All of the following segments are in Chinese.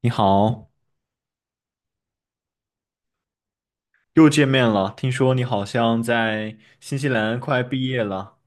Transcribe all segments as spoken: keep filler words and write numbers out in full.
你好，又见面了。听说你好像在新西兰快毕业了。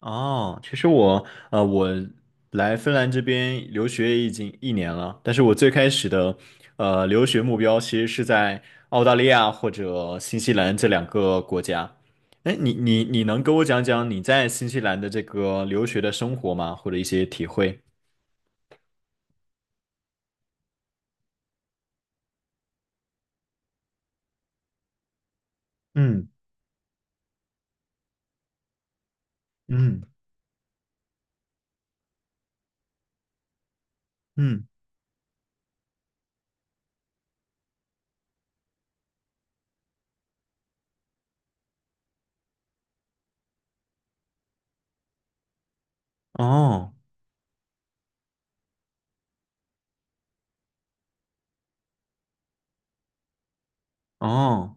哦，其实我呃，我来芬兰这边留学已经一年了，但是我最开始的呃留学目标其实是在澳大利亚或者新西兰这两个国家。哎，你你你能跟我讲讲你在新西兰的这个留学的生活吗？或者一些体会？嗯嗯嗯，哦哦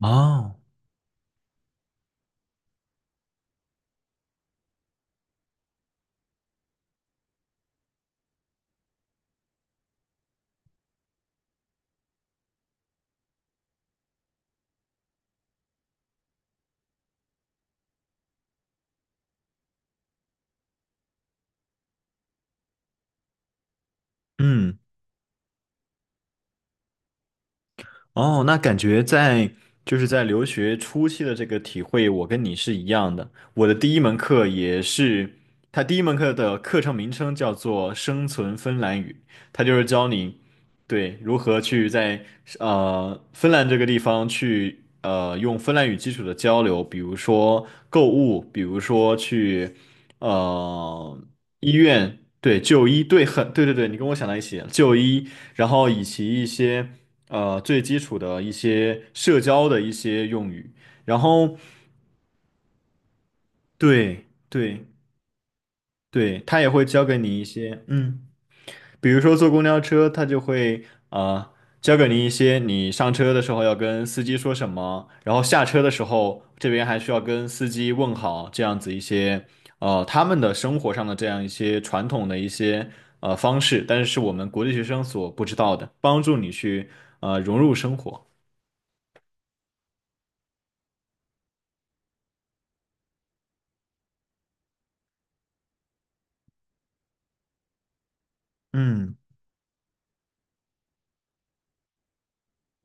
哦，嗯。哦，那感觉在就是在留学初期的这个体会，我跟你是一样的。我的第一门课也是，它第一门课的课程名称叫做《生存芬兰语》，它就是教你对如何去在呃芬兰这个地方去呃用芬兰语基础的交流，比如说购物，比如说去呃医院，对就医，对很对对对，你跟我想到一起，就医，然后以及一些。呃最基础的一些社交的一些用语，然后对对对，他也会教给你一些，嗯，比如说坐公交车，他就会呃教给你一些你上车的时候要跟司机说什么，然后下车的时候这边还需要跟司机问好，这样子一些呃他们的生活上的这样一些传统的一些呃方式，但是是我们国际学生所不知道的，帮助你去呃融入生活。嗯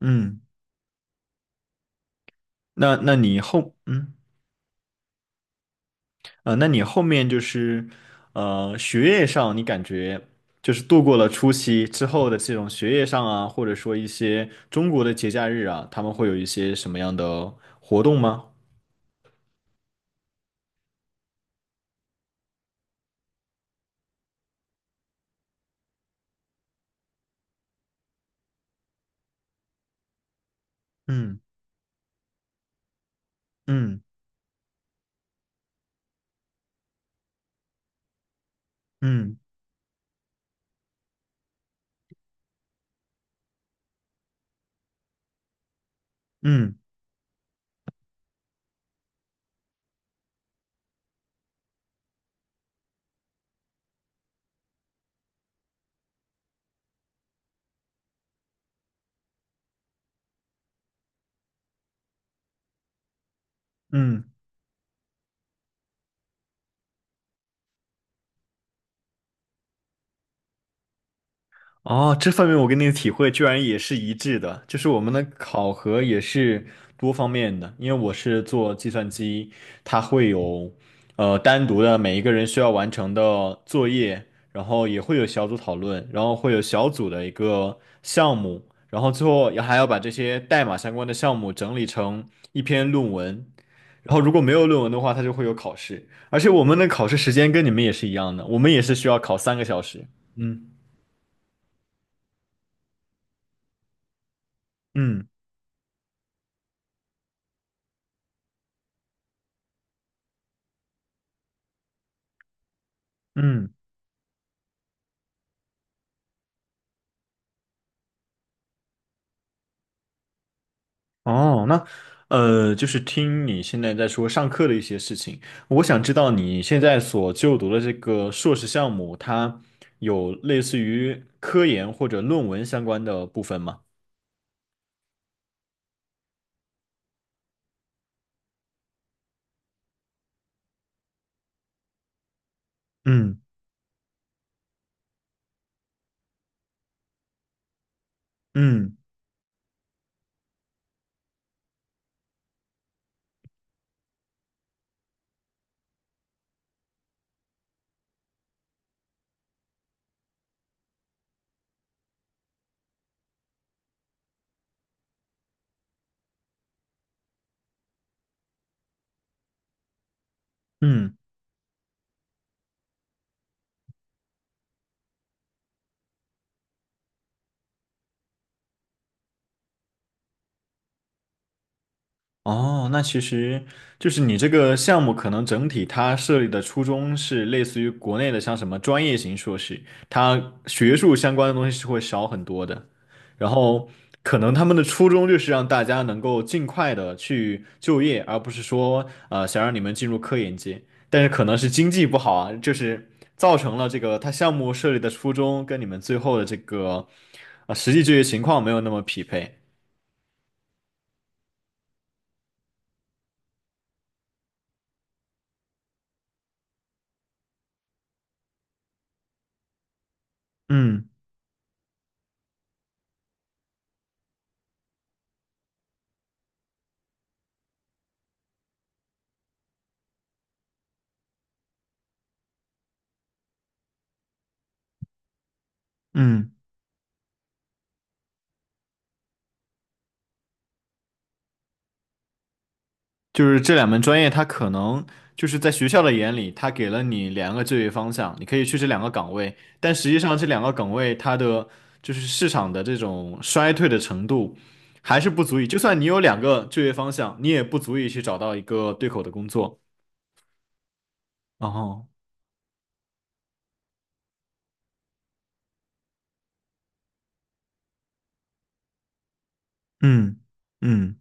嗯。那那你后嗯啊那你后面就是呃学业上，你感觉就是度过了初期之后的这种学业上啊，或者说一些中国的节假日啊，他们会有一些什么样的活动吗？嗯嗯嗯嗯嗯。哦，这方面我跟你的体会居然也是一致的，就是我们的考核也是多方面的，因为我是做计算机，它会有呃单独的每一个人需要完成的作业，然后也会有小组讨论，然后会有小组的一个项目，然后最后也还要把这些代码相关的项目整理成一篇论文，然后如果没有论文的话，它就会有考试，而且我们的考试时间跟你们也是一样的，我们也是需要考三个小时。嗯嗯。嗯，哦，那呃，就是听你现在在说上课的一些事情，我想知道你现在所就读的这个硕士项目，它有类似于科研或者论文相关的部分吗？嗯嗯嗯。哦，那其实就是你这个项目可能整体它设立的初衷是类似于国内的像什么专业型硕士，它学术相关的东西是会少很多的。然后可能他们的初衷就是让大家能够尽快的去就业，而不是说呃想让你们进入科研界。但是可能是经济不好啊，就是造成了这个他项目设立的初衷跟你们最后的这个呃实际就业情况没有那么匹配。嗯嗯。就是这两门专业，它可能就是在学校的眼里，它给了你两个就业方向，你可以去这两个岗位，但实际上这两个岗位它的就是市场的这种衰退的程度还是不足以，就算你有两个就业方向，你也不足以去找到一个对口的工作。然后，嗯嗯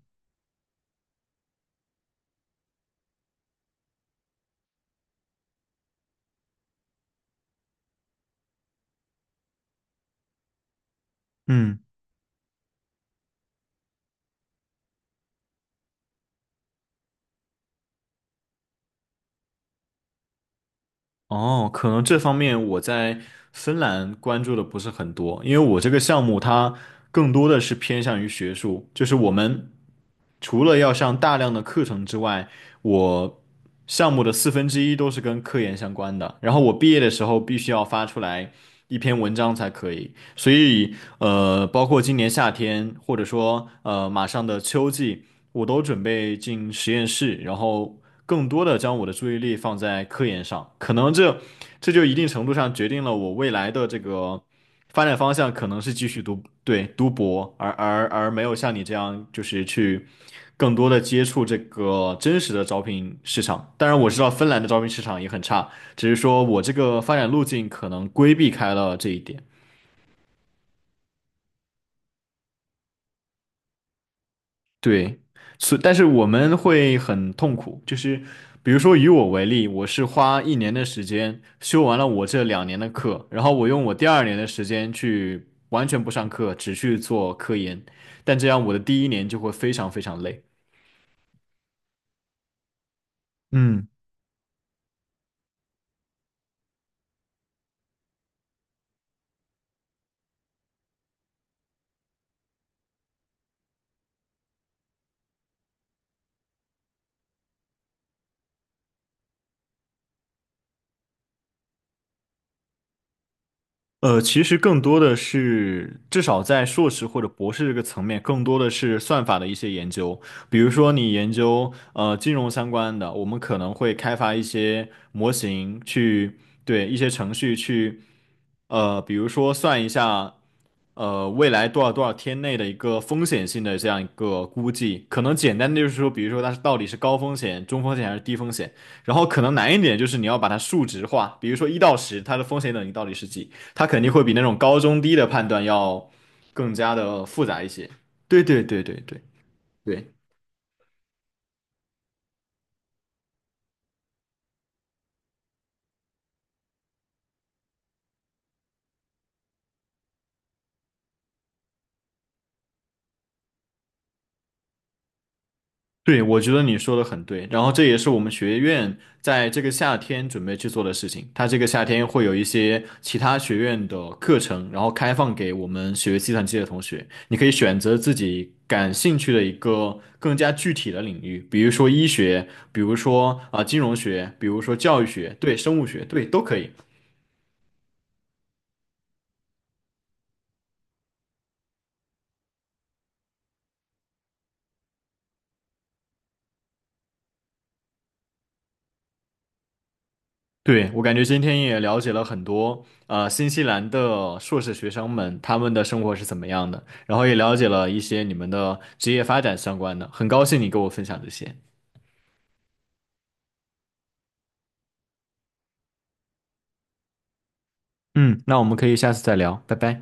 嗯。哦，可能这方面我在芬兰关注的不是很多，因为我这个项目它更多的是偏向于学术，就是我们除了要上大量的课程之外，我项目的四分之一都是跟科研相关的，然后我毕业的时候必须要发出来一篇文章才可以，所以呃，包括今年夏天或者说呃马上的秋季，我都准备进实验室，然后更多的将我的注意力放在科研上，可能这这就一定程度上决定了我未来的这个发展方向可能是继续读，对，读博，而而而没有像你这样就是去更多的接触这个真实的招聘市场。当然，我知道芬兰的招聘市场也很差，只是说我这个发展路径可能规避开了这一点。对，所但是我们会很痛苦，就是比如说以我为例，我是花一年的时间修完了我这两年的课，然后我用我第二年的时间去完全不上课，只去做科研，但这样我的第一年就会非常非常累。嗯。呃，其实更多的是，至少在硕士或者博士这个层面，更多的是算法的一些研究。比如说，你研究呃金融相关的，我们可能会开发一些模型去，对一些程序去呃，比如说算一下，呃，未来多少多少天内的一个风险性的这样一个估计，可能简单的就是说，比如说它是到底是高风险、中风险还是低风险，然后可能难一点就是你要把它数值化，比如说一到十，它的风险等级到底是几，它肯定会比那种高中低的判断要更加的复杂一些。对对对对对对。对，我觉得你说的很对，然后这也是我们学院在这个夏天准备去做的事情。它这个夏天会有一些其他学院的课程，然后开放给我们学计算机的同学，你可以选择自己感兴趣的一个更加具体的领域，比如说医学，比如说啊、金融学，比如说教育学，对，生物学，对，都可以。对，我感觉今天也了解了很多，呃，新西兰的硕士学生们他们的生活是怎么样的，然后也了解了一些你们的职业发展相关的，很高兴你跟我分享这些。嗯，那我们可以下次再聊，拜拜。